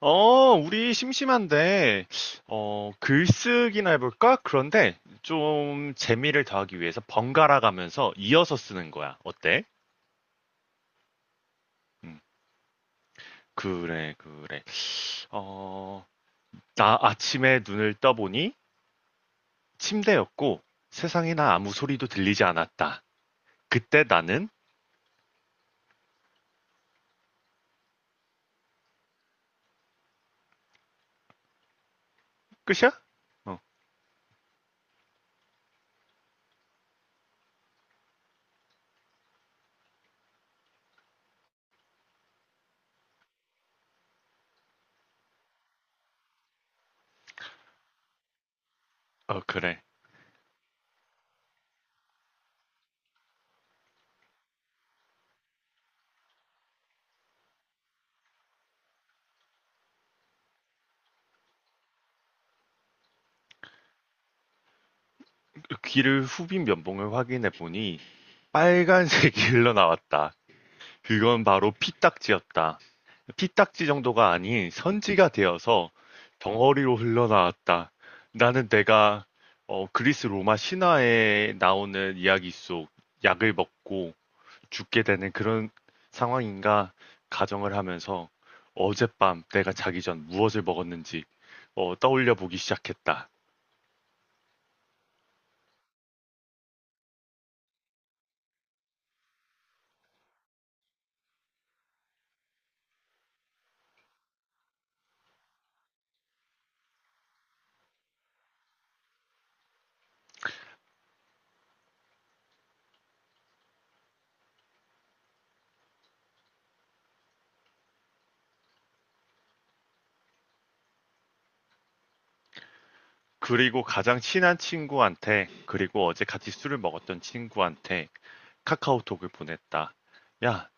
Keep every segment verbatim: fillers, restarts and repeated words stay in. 어, 우리 심심한데, 어, 글쓰기나 해볼까? 그런데 좀 재미를 더하기 위해서 번갈아 가면서 이어서 쓰는 거야. 어때? 음, 그래, 그래. 어, 나 아침에 눈을 떠보니 침대였고 세상에나 아무 소리도 들리지 않았다. 그때 나는 끝이야? 어, 어, 그래. 귀를 후빈 면봉을 확인해 보니 빨간색이 흘러나왔다. 그건 바로 피딱지였다. 피딱지 정도가 아닌 선지가 되어서 덩어리로 흘러나왔다. 나는 내가 어, 그리스 로마 신화에 나오는 이야기 속 약을 먹고 죽게 되는 그런 상황인가 가정을 하면서 어젯밤 내가 자기 전 무엇을 먹었는지 어, 떠올려 보기 시작했다. 그리고 가장 친한 친구한테, 그리고 어제 같이 술을 먹었던 친구한테 카카오톡을 보냈다. 야,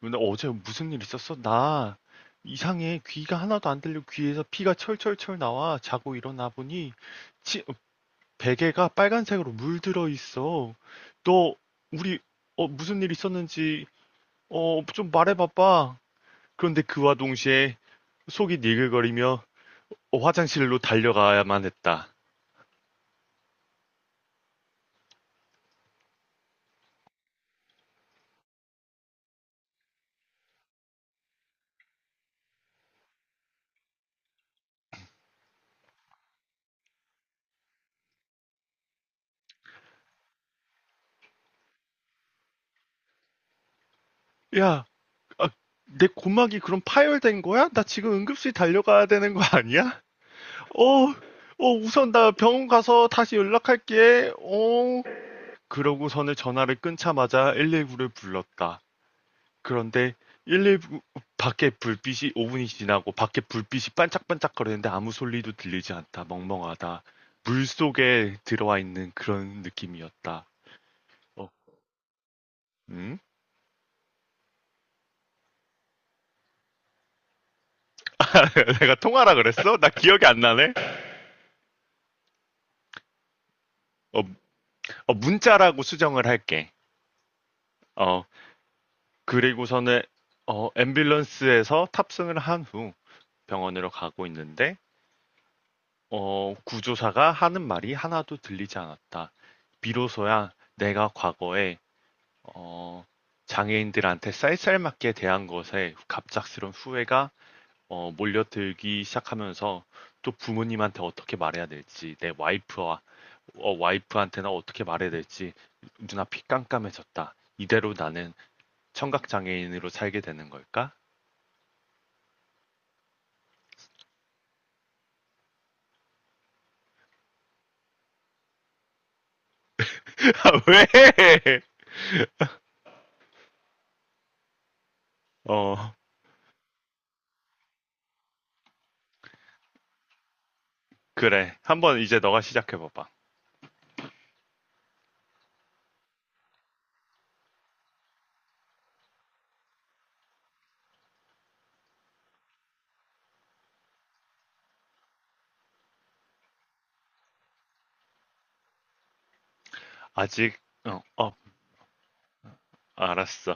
너 어제 무슨 일 있었어? 나 이상해. 귀가 하나도 안 들리고 귀에서 피가 철철철 나와. 자고 일어나 보니 치- 베개가 빨간색으로 물들어 있어. 너 우리 어, 무슨 일 있었는지 어, 좀 말해봐봐. 그런데 그와 동시에 속이 니글거리며 어, 화장실로 달려가야만 했다. 야, 아, 내 고막이 그럼 파열된 거야? 나 지금 응급실 달려가야 되는 거 아니야? 어, 어, 우선 나 병원 가서 다시 연락할게. 어. 그러고서는 전화를 끊자마자 일일구를 불렀다. 그런데 일일구 밖에 불빛이 오 분이 지나고 밖에 불빛이 반짝반짝거리는데 아무 소리도 들리지 않다. 멍멍하다. 물 속에 들어와 있는 그런 느낌이었다. 어, 응? 내가 통화라 그랬어? 나 기억이 안 나네. 어, 어, 문자라고 수정을 할게. 어, 그리고서는 어, 앰뷸런스에서 탑승을 한후 병원으로 가고 있는데 어, 구조사가 하는 말이 하나도 들리지 않았다. 비로소야 내가 과거에 어, 장애인들한테 쌀쌀맞게 대한 것에 갑작스런 후회가 어, 몰려들기 시작하면서 또 부모님한테 어떻게 말해야 될지 내 와이프와 어, 와이프한테는 어떻게 말해야 될지 눈앞이 깜깜해졌다. 이대로 나는 청각장애인으로 살게 되는 걸까? 왜? 어, 그래. 한번 이제 너가 시작해봐봐. 아직, 어, 어, 알았어.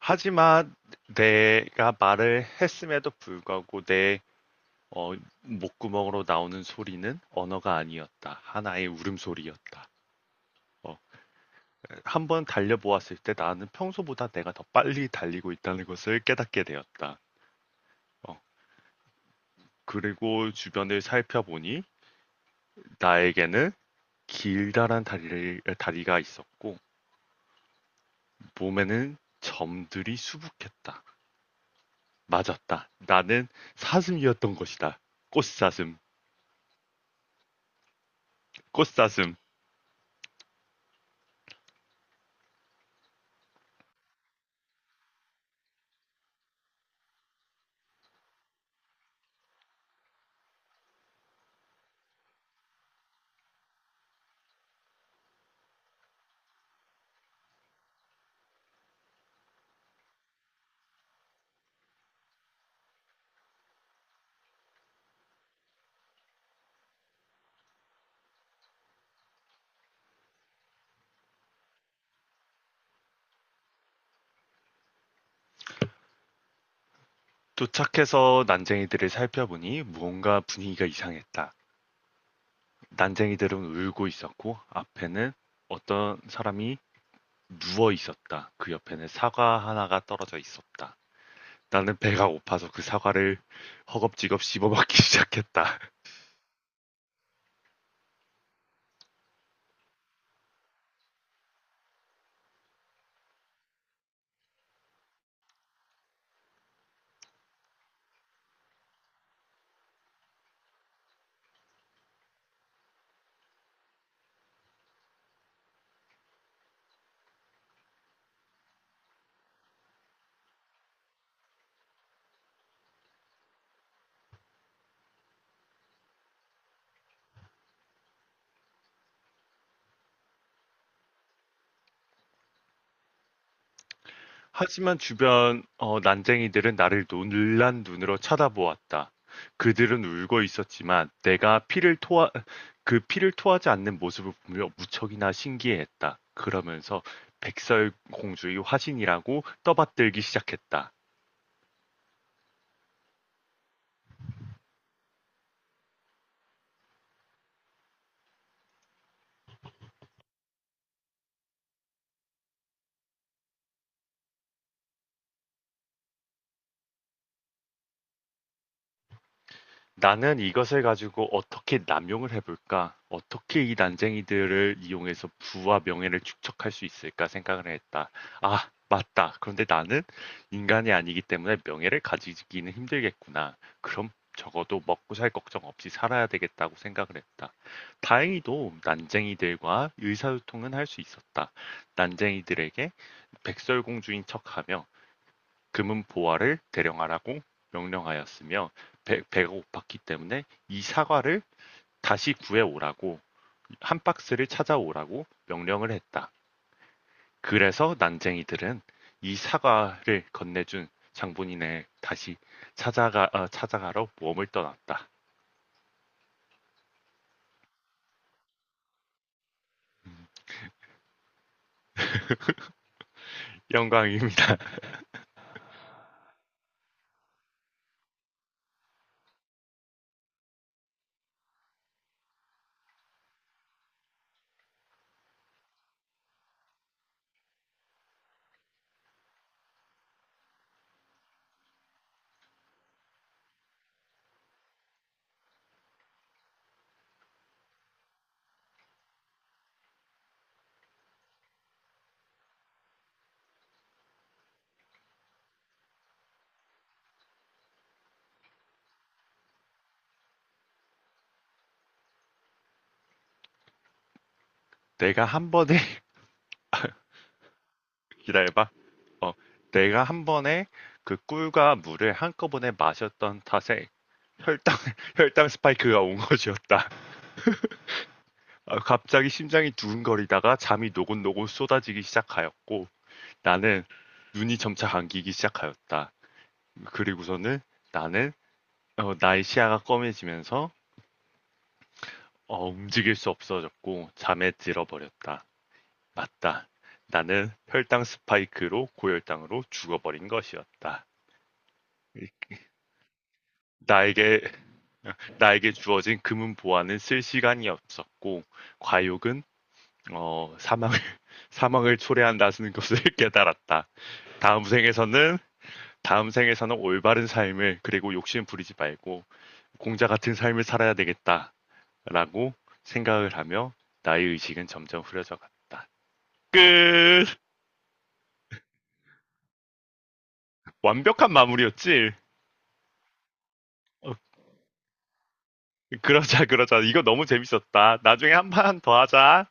하지만 내가 말을 했음에도 불구하고 내 어, 목구멍으로 나오는 소리는 언어가 아니었다. 하나의 울음소리였다. 어, 한번 달려보았을 때 나는 평소보다 내가 더 빨리 달리고 있다는 것을 깨닫게 되었다. 어, 그리고 주변을 살펴보니 나에게는 길다란 다리를, 다리가 있었고 몸에는 점들이 수북했다. 맞았다. 나는 사슴이었던 것이다. 꽃사슴, 꽃사슴. 도착해서 난쟁이들을 살펴보니 무언가 분위기가 이상했다. 난쟁이들은 울고 있었고 앞에는 어떤 사람이 누워 있었다. 그 옆에는 사과 하나가 떨어져 있었다. 나는 배가 고파서 그 사과를 허겁지겁 씹어먹기 시작했다. 하지만 주변 어, 난쟁이들은 나를 놀란 눈으로 쳐다보았다. 그들은 울고 있었지만 내가 피를 토하, 그 피를 토하지 않는 모습을 보며 무척이나 신기해했다. 그러면서 백설공주의 화신이라고 떠받들기 시작했다. 나는 이것을 가지고 어떻게 남용을 해볼까? 어떻게 이 난쟁이들을 이용해서 부와 명예를 축적할 수 있을까 생각을 했다. 아, 맞다. 그런데 나는 인간이 아니기 때문에 명예를 가지기는 힘들겠구나. 그럼 적어도 먹고 살 걱정 없이 살아야 되겠다고 생각을 했다. 다행히도 난쟁이들과 의사소통은 할 수 있었다. 난쟁이들에게 백설공주인 척하며 금은 보화를 대령하라고 명령하였으며 배, 배가 고팠기 때문에 이 사과를 다시 구해오라고 한 박스를 찾아오라고 명령을 했다. 그래서 난쟁이들은 이 사과를 건네준 장본인을 다시 찾아가, 어, 찾아가러 모험을 떠났다. 영광입니다. 내가 한 번에, 기다려봐. 어, 내가 한 번에 그 꿀과 물을 한꺼번에 마셨던 탓에 혈당, 혈당 스파이크가 온 것이었다. 아, 갑자기 심장이 두근거리다가 잠이 노곤노곤 쏟아지기 시작하였고 나는 눈이 점차 감기기 시작하였다. 그리고서는 나는 어, 나의 시야가 꺼매지면서 어, 움직일 수 없어졌고 잠에 들어버렸다. 맞다. 나는 혈당 스파이크로 고혈당으로 죽어버린 것이었다. 나에게 나에게 주어진 금은 보화는 쓸 시간이 없었고 과욕은 어, 사망을 사망을 초래한다는 것을 깨달았다. 다음 생에서는 다음 생에서는 올바른 삶을 그리고 욕심 부리지 말고 공자 같은 삶을 살아야 되겠다라고 생각을 하며 나의 의식은 점점 흐려져 갔다. 끝. 완벽한 마무리였지. 어, 그러자 그러자 이거 너무 재밌었다. 나중에 한 판 더 하자.